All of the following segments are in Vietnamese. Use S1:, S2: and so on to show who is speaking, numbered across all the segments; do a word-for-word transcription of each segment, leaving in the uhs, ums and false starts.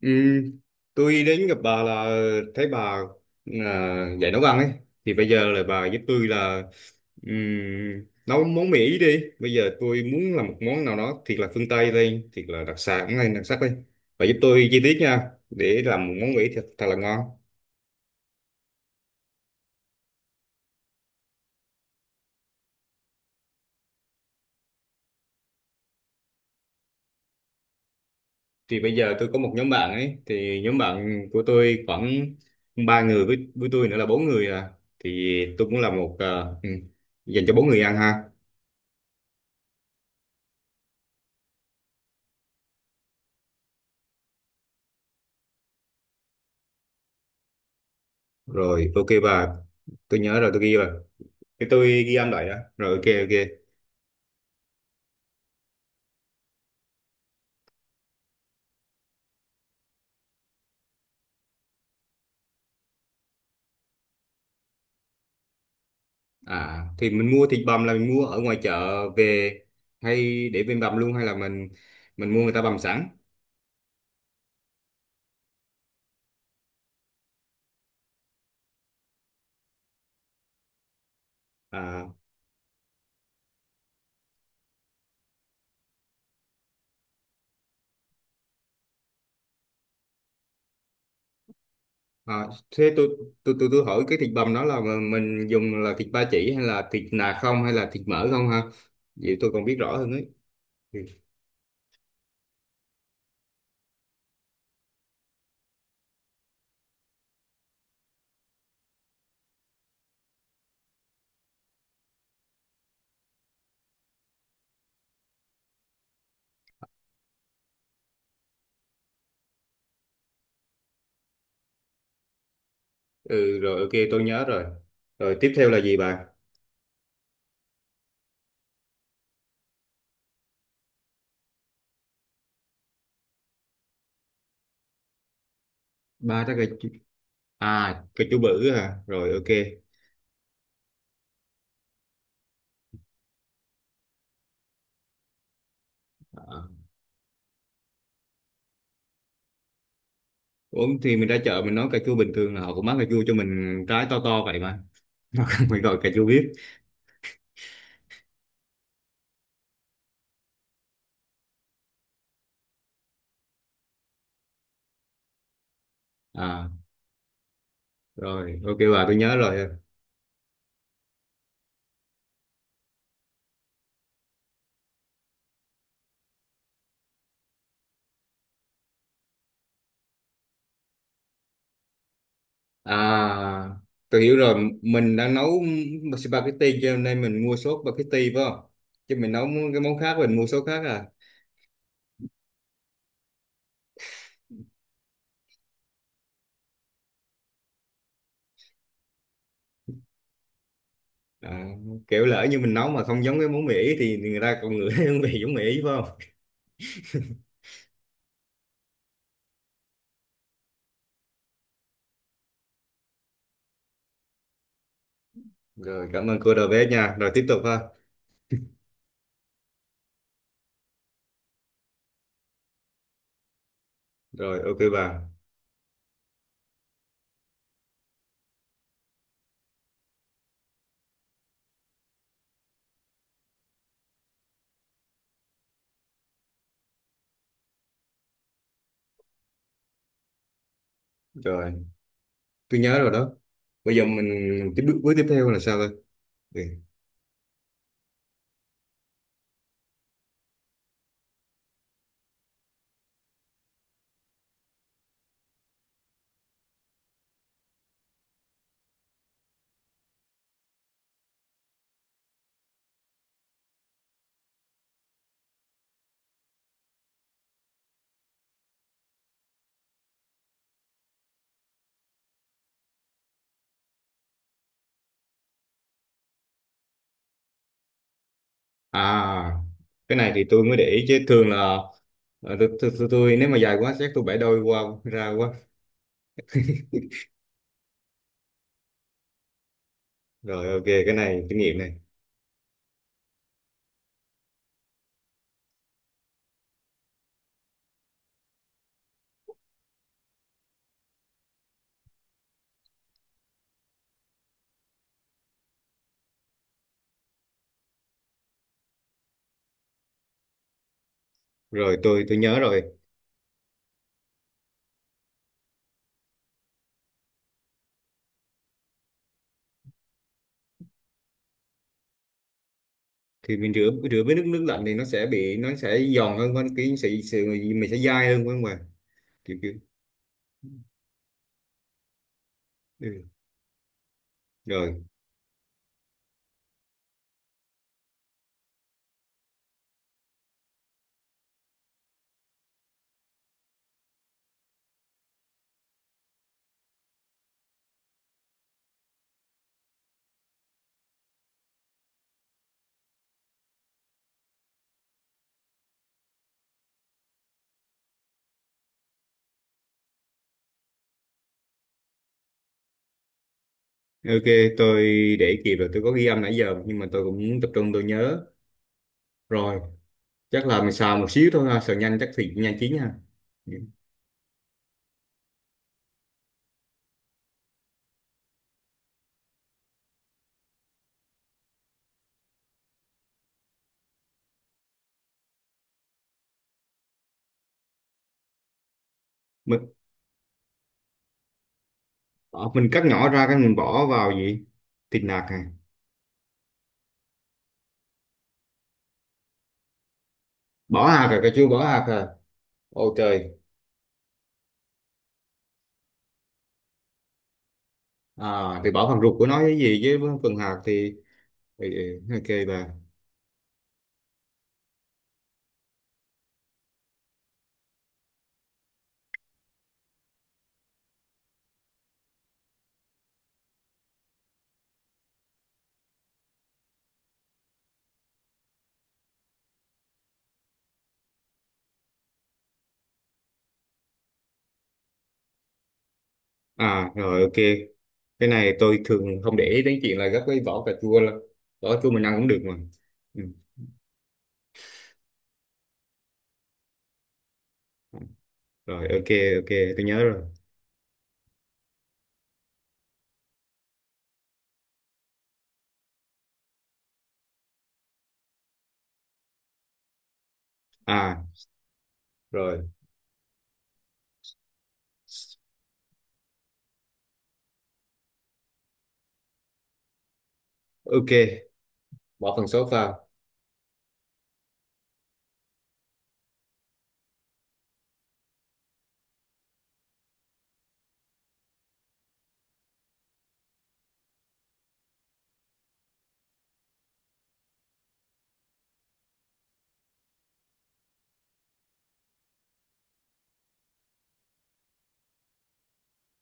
S1: Ừ, tôi đến gặp bà là thấy bà à, dạy nấu ăn ấy thì bây giờ là bà giúp tôi là ừm, nấu món Mỹ đi. Bây giờ tôi muốn làm một món nào đó thiệt là phương Tây đây, thiệt là đặc sản này, đặc sắc đây. Bà giúp tôi chi tiết nha, để làm một món Mỹ thật, thật là ngon. Thì bây giờ tôi có một nhóm bạn ấy, thì nhóm bạn của tôi khoảng ba người, với với tôi nữa là bốn người à. Thì tôi muốn làm một à, ừ, dành cho bốn người ăn ha. Rồi, ok bà, tôi nhớ rồi, tôi ghi rồi, thì tôi ghi âm lại đó. Rồi ok ok. À, thì mình mua thịt bằm là mình mua ở ngoài chợ về hay để bên bằm luôn, hay là mình mình mua người ta bằm sẵn? À, à thế tôi, tôi tôi tôi hỏi cái thịt bằm đó là mà mình dùng là thịt ba chỉ, hay là thịt nạc không, hay là thịt mỡ không ha? Vậy tôi còn biết rõ hơn ấy. Ừ. Ừ, rồi ok, tôi nhớ rồi. Rồi tiếp theo là gì bà? Ba trái cà chua à, cà chua bự à, rồi ok. À. Ủa, thì mình ra chợ mình nói cà chua bình thường là họ cũng bán cà chua cho mình trái to to vậy mà. Nó không phải gọi cà chua biết? À rồi ok bà, tôi nhớ rồi. À tôi hiểu rồi, mình đang nấu spaghetti cho nên mình mua sốt spaghetti phải không? Chứ mình nấu cái món khác mình mua sốt khác à. À, kiểu lỡ như mình nấu mà không giống cái món Mỹ thì người ta còn ngửi hương vị giống Mỹ phải không? Rồi cảm ơn cô đầu bếp nha, rồi tiếp tục ha. Rồi ok bà. Rồi tôi nhớ rồi đó. Bây giờ mình tiếp bước tiếp theo là sao thôi? Ừ. À, cái này thì tôi mới để ý, chứ thường là ờ, tôi, tôi, tôi, tôi nếu mà dài quá chắc tôi bẻ đôi qua ra quá. Rồi ok, cái này kinh nghiệm này. Rồi tôi tôi nhớ rồi. Thì mình rửa rửa với nước nước lạnh thì nó sẽ bị, nó sẽ giòn hơn, hơn cái sự, sự mình sẽ dai hơn phải không ạ? Kiểu kiểu ừ. Rồi, ok tôi để kịp rồi, tôi có ghi âm nãy giờ nhưng mà tôi cũng tập trung tôi nhớ. Rồi, chắc là mình xào một xíu thôi ha, xào nhanh chắc thì nhanh chín ha. Dạ. Mình, ờ, mình cắt nhỏ ra cái mình bỏ vào gì? Thịt nạc à? Bỏ hạt à, cà chua bỏ hạt à? Ô trời, à thì bỏ phần ruột của nó cái gì với với phần hạt thì, thì ok bà. À rồi ok, cái này tôi thường không để ý đến chuyện là gấp cái vỏ cà chua lắm. Vỏ cà chua mình ăn cũng được mà. Ừ. Rồi ok, ok tôi nhớ rồi. À rồi ok. Bỏ phần sốt vào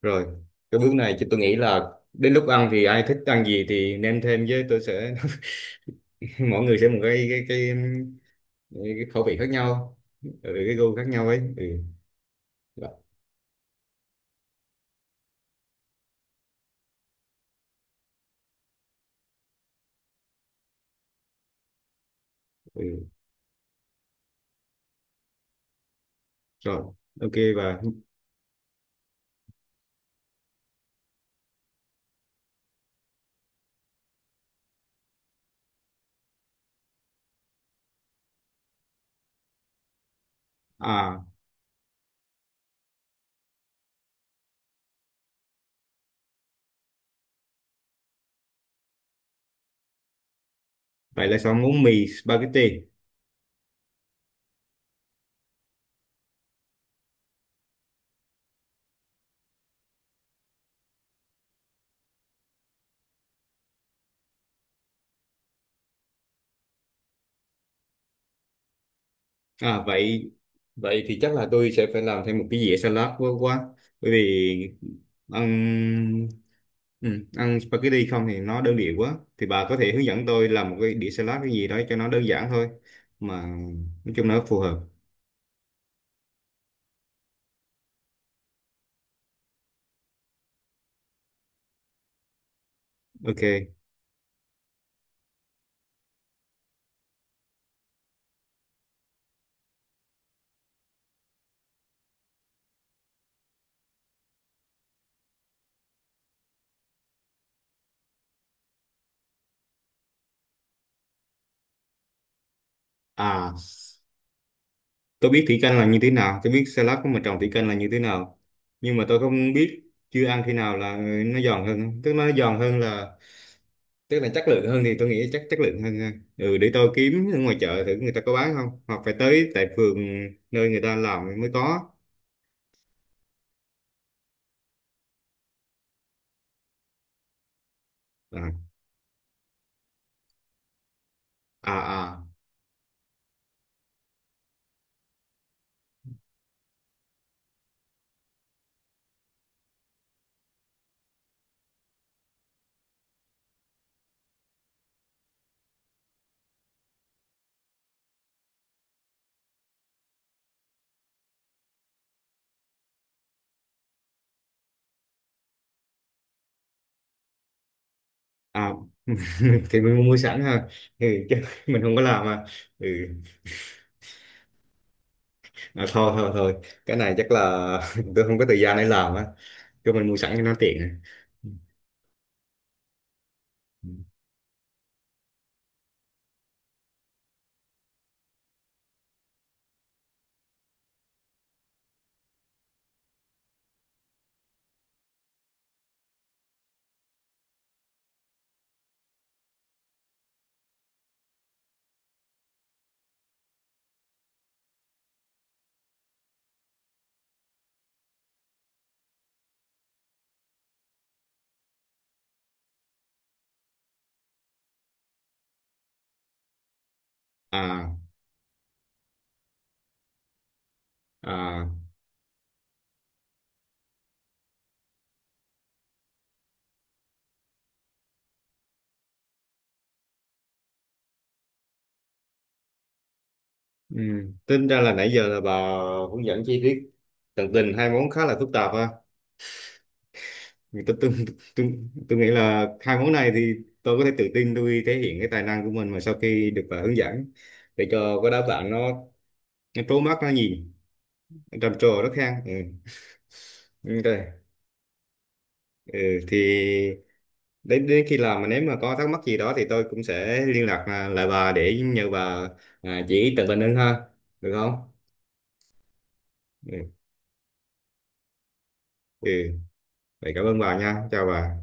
S1: rồi. Cái bước này chứ tôi nghĩ là đến lúc ăn thì ai thích ăn gì thì nêm thêm, với tôi sẽ mỗi người sẽ một cái cái cái, cái khẩu vị khác nhau. Ừ, cái gu khác nhau ấy. Ừ. Ừ, rồi, ok. Và à vậy là xong món mì spaghetti. À vậy, vậy thì chắc là tôi sẽ phải làm thêm một cái dĩa salad quá quá. Bởi vì ăn ừ, ăn spaghetti không thì nó đơn điệu quá. Thì bà có thể hướng dẫn tôi làm một cái đĩa salad cái gì đó cho nó đơn giản thôi, mà nói chung nó phù hợp. Ok. À tôi biết thủy canh là như thế nào, tôi biết salad của mình trồng thủy canh là như thế nào. Nhưng mà tôi không biết, chưa ăn khi nào là nó giòn hơn, tức nó giòn hơn là tức là chất lượng hơn, thì tôi nghĩ chắc chất lượng hơn ha. Ừ để tôi kiếm ở ngoài chợ thử người ta có bán không, hoặc phải tới tại phường nơi người ta làm mới có. À à à, à. Thì mình mua sẵn ha, ừ chứ mình không có làm à. Ừ, à thôi thôi thôi, cái này chắc là tôi không có thời gian để làm á, cho mình mua sẵn cho nó tiện. À à à ừ. Tính ra là nãy giờ là bà hướng dẫn chi tiết tận tình hai món khá là phức tạp ha. Thì tôi, tôi, tôi, tôi nghĩ là hai món này thì tôi có thể tự tin, tôi thể hiện cái tài năng của mình mà sau khi được bạn hướng dẫn, để cho cái đáp bạn nó nó trố mắt nó nhìn, nó trầm trồ nó khen. Ừ. Ừ, đây. Ừ, thì đến đến khi làm mà nếu mà có thắc mắc gì đó thì tôi cũng sẽ liên lạc à, lại bà để nhờ bà à, chỉ tận tình hơn ha, được không? Ừ. Ừ. Vậy cảm ơn bà nha, chào bà.